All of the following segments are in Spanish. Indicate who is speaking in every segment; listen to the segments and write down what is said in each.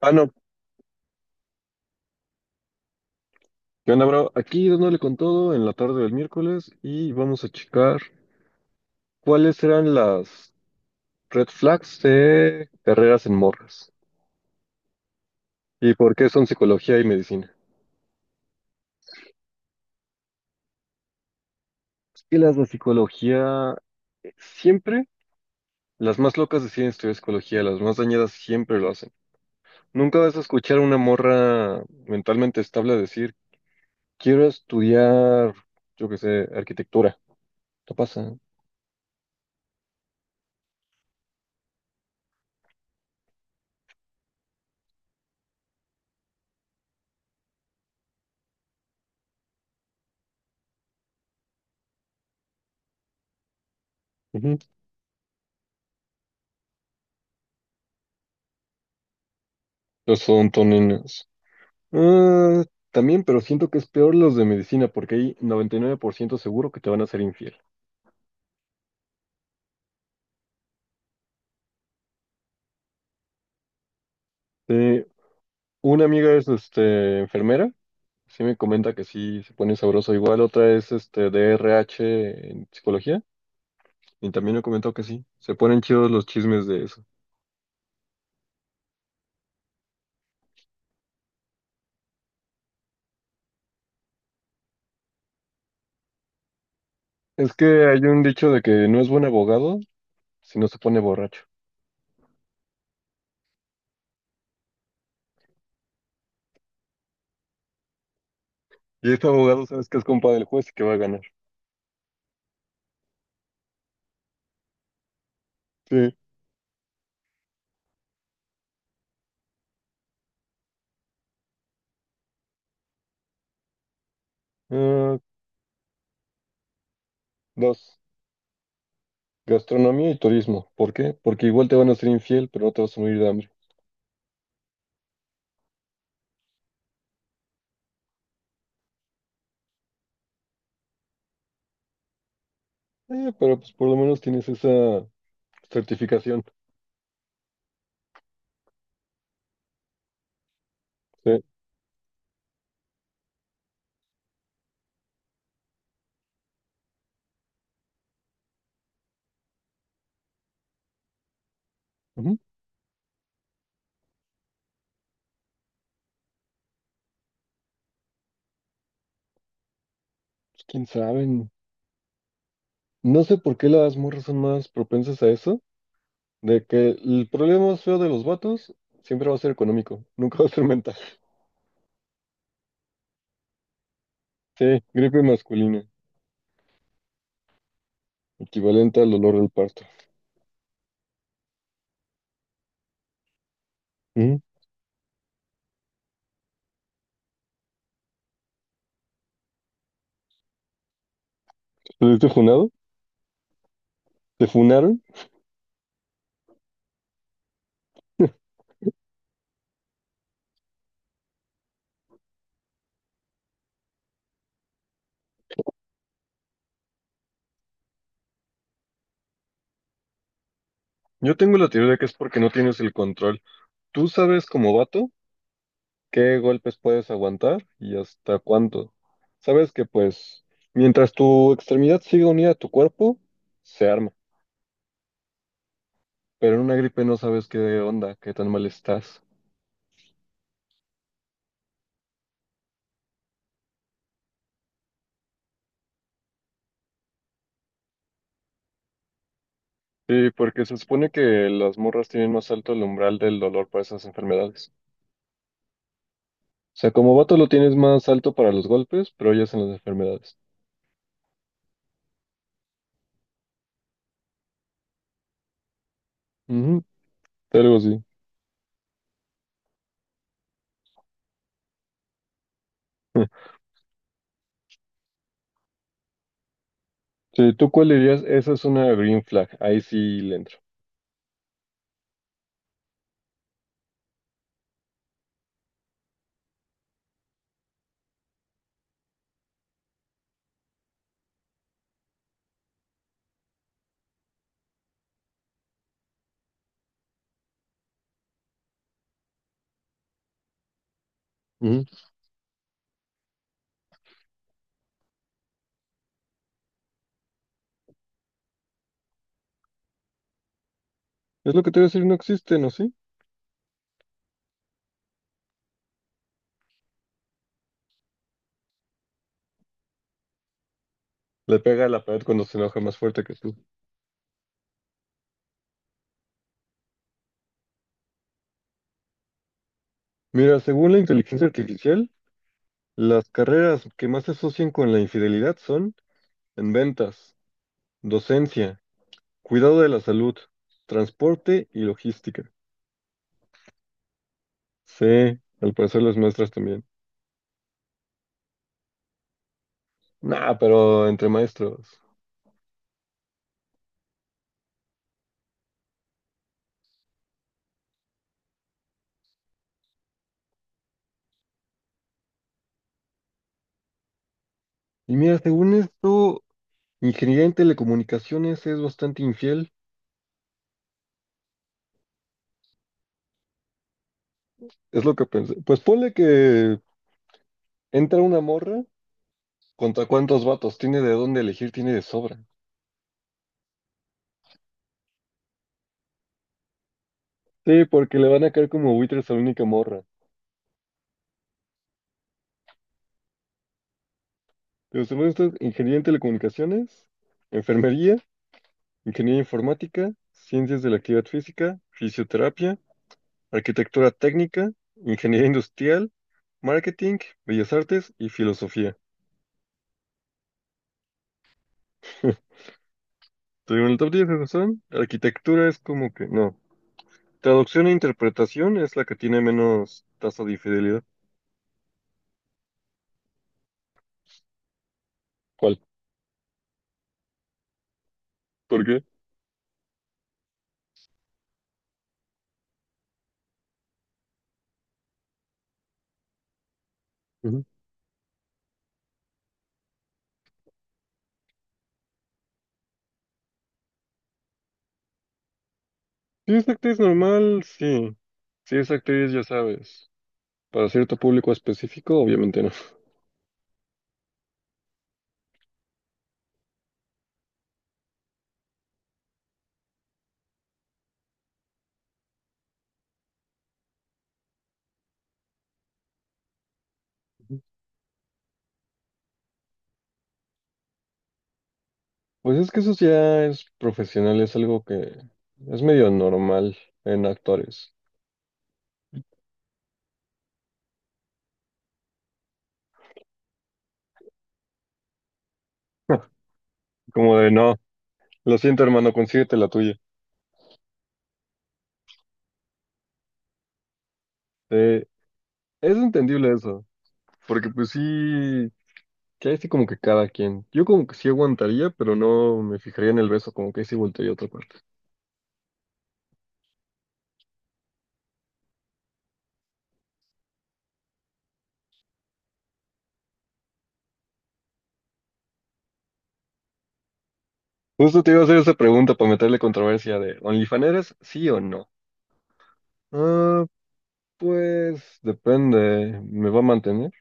Speaker 1: Ah, no. ¿Qué onda, bro? Aquí dándole con todo en la tarde del miércoles y vamos a checar cuáles serán las red flags de carreras en morras y por qué son psicología y medicina. Es que las de psicología siempre, las más locas deciden estudiar psicología, las más dañadas siempre lo hacen. Nunca vas a escuchar a una morra mentalmente estable decir, quiero estudiar, yo qué sé, arquitectura. ¿Qué pasa? Ujú. Los son toninas. Ah, también, pero siento que es peor los de medicina porque hay 99% seguro que te van a ser infiel. Eh, una amiga es enfermera, sí me comenta que sí se pone sabroso igual, otra es DRH en psicología y también me comentó que sí, se ponen chidos los chismes de eso. Es que hay un dicho de que no es buen abogado si no se pone borracho. Y este abogado sabes que es compa del juez y que va a ganar. Sí. Ah, dos, gastronomía y turismo. ¿Por qué? Porque igual te van a ser infiel, pero no te vas a morir de hambre. Pero pues por lo menos tienes esa certificación. Sí. Ujú. Pues, quién sabe. No sé por qué las morras son más propensas a eso, de que el problema más feo de los vatos siempre va a ser económico, nunca va a ser mental. Sí, gripe masculina, equivalente al dolor del parto. Ujú. ¿Te fuiste funado? ¿Te funaron? Yo tengo la teoría de que es porque no tienes el control. Tú sabes como vato qué golpes puedes aguantar y hasta cuánto. Sabes que pues mientras tu extremidad siga unida a tu cuerpo, se arma, pero en una gripe no sabes qué onda, qué tan mal estás. Sí, porque se supone que las morras tienen más alto el umbral del dolor para esas enfermedades. O sea, como vato lo tienes más alto para los golpes, pero ellas en las enfermedades. Ujú, algo así. Sí, ¿tú cuál dirías? Esa es una green flag, ahí sí le entro. Ujú. Es lo que te iba a decir, no existe, ¿no? Sí. Le pega a la pared cuando se enoja más fuerte que tú. Mira, según la inteligencia artificial, las carreras que más se asocian con la infidelidad son en ventas, docencia, cuidado de la salud, transporte y logística. Sí, al parecer las maestras también. Nah, pero entre maestros. Y mira, según esto, ingeniería en telecomunicaciones es bastante infiel. Es lo que pensé. Pues ponle que entra una morra, ¿contra cuántos vatos? Tiene de dónde elegir, tiene de sobra. Sí, porque le van a caer como buitres a la única morra. Pero según esto, ingeniería en telecomunicaciones, enfermería, ingeniería informática, ciencias de la actividad física, fisioterapia, arquitectura técnica, ingeniería industrial, marketing, bellas artes y filosofía. Te digo, en el top 10 de razón, arquitectura es como que no. Traducción e interpretación es la que tiene menos tasa de infidelidad. ¿Cuál? ¿Por qué? Ujú. Si es actriz normal, sí. Si es actriz, ya sabes. Para cierto público específico, obviamente no. Pues es que eso ya es profesional, es algo que es medio normal en actores. Como de, no, lo siento, hermano, consíguete la tuya. Eh, es entendible eso, porque pues sí, que ahí sí como que cada quien. Yo como que sí aguantaría, pero no me fijaría en el beso, como que ahí sí voltearía a otra parte. Justo te iba a hacer esa pregunta para meterle controversia de, ¿OnlyFaneras sí o no? Ah, pues depende, ¿me va a mantener?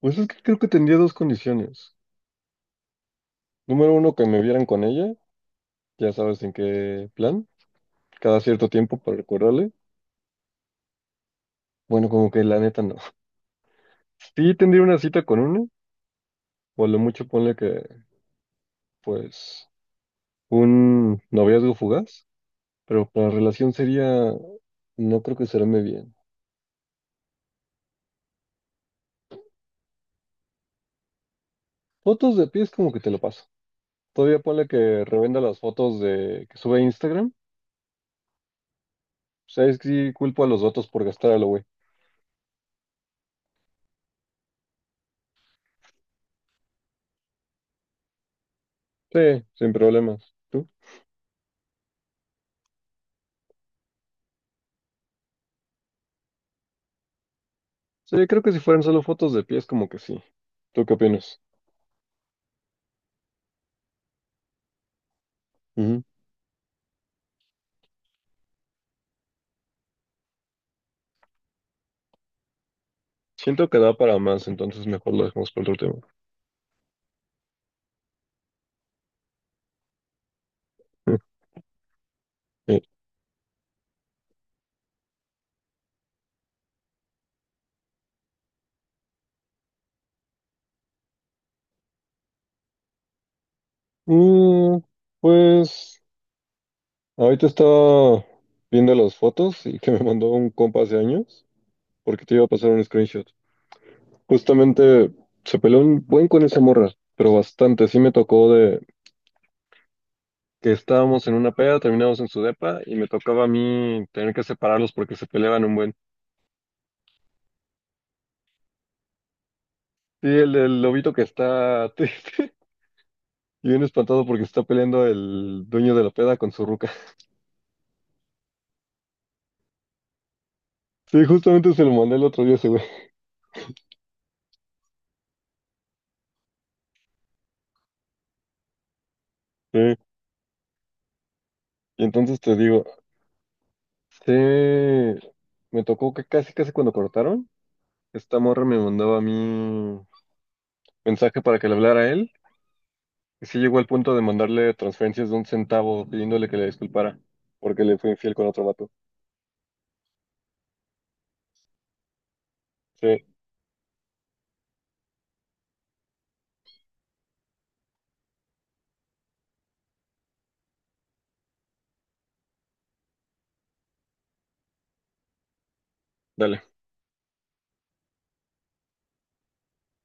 Speaker 1: Pues es que creo que tendría dos condiciones. Número uno, que me vieran con ella, ya sabes en qué plan, cada cierto tiempo para recordarle. Bueno, como que la neta no. Sí tendría una cita con una, o a lo mucho ponle que, pues, un noviazgo fugaz, pero para relación sería, no creo que será muy bien. Fotos de pies como que te lo paso. Todavía ponle que revenda las fotos de que sube a Instagram. O sea, es que sí culpo a los datos por gastar a lo güey. Sí, sin problemas. ¿Tú? Sí, creo que si fueran solo fotos de pies como que sí. ¿Tú qué opinas? Siento que da para más, entonces mejor lo dejamos para otro tema. Eh, eh, mm, pues ahorita estaba viendo las fotos y que me mandó un compa hace años porque te iba a pasar un screenshot. Justamente se peleó un buen con esa morra, pero bastante. Sí me tocó de que estábamos en una peda, terminamos en su depa y me tocaba a mí tener que separarlos porque se peleaban un buen. Sí, el lobito que está triste y bien espantado porque está peleando el dueño de la peda con su ruca. Sí, justamente se lo mandé el otro día a ese güey. Eh, y entonces te digo, sí, me tocó que casi cuando cortaron, esta morra me mandaba a mí mensaje para que le hablara a él. Y sí llegó al punto de mandarle transferencias de un centavo pidiéndole que le disculpara porque le fue infiel con otro vato. Sí, dale.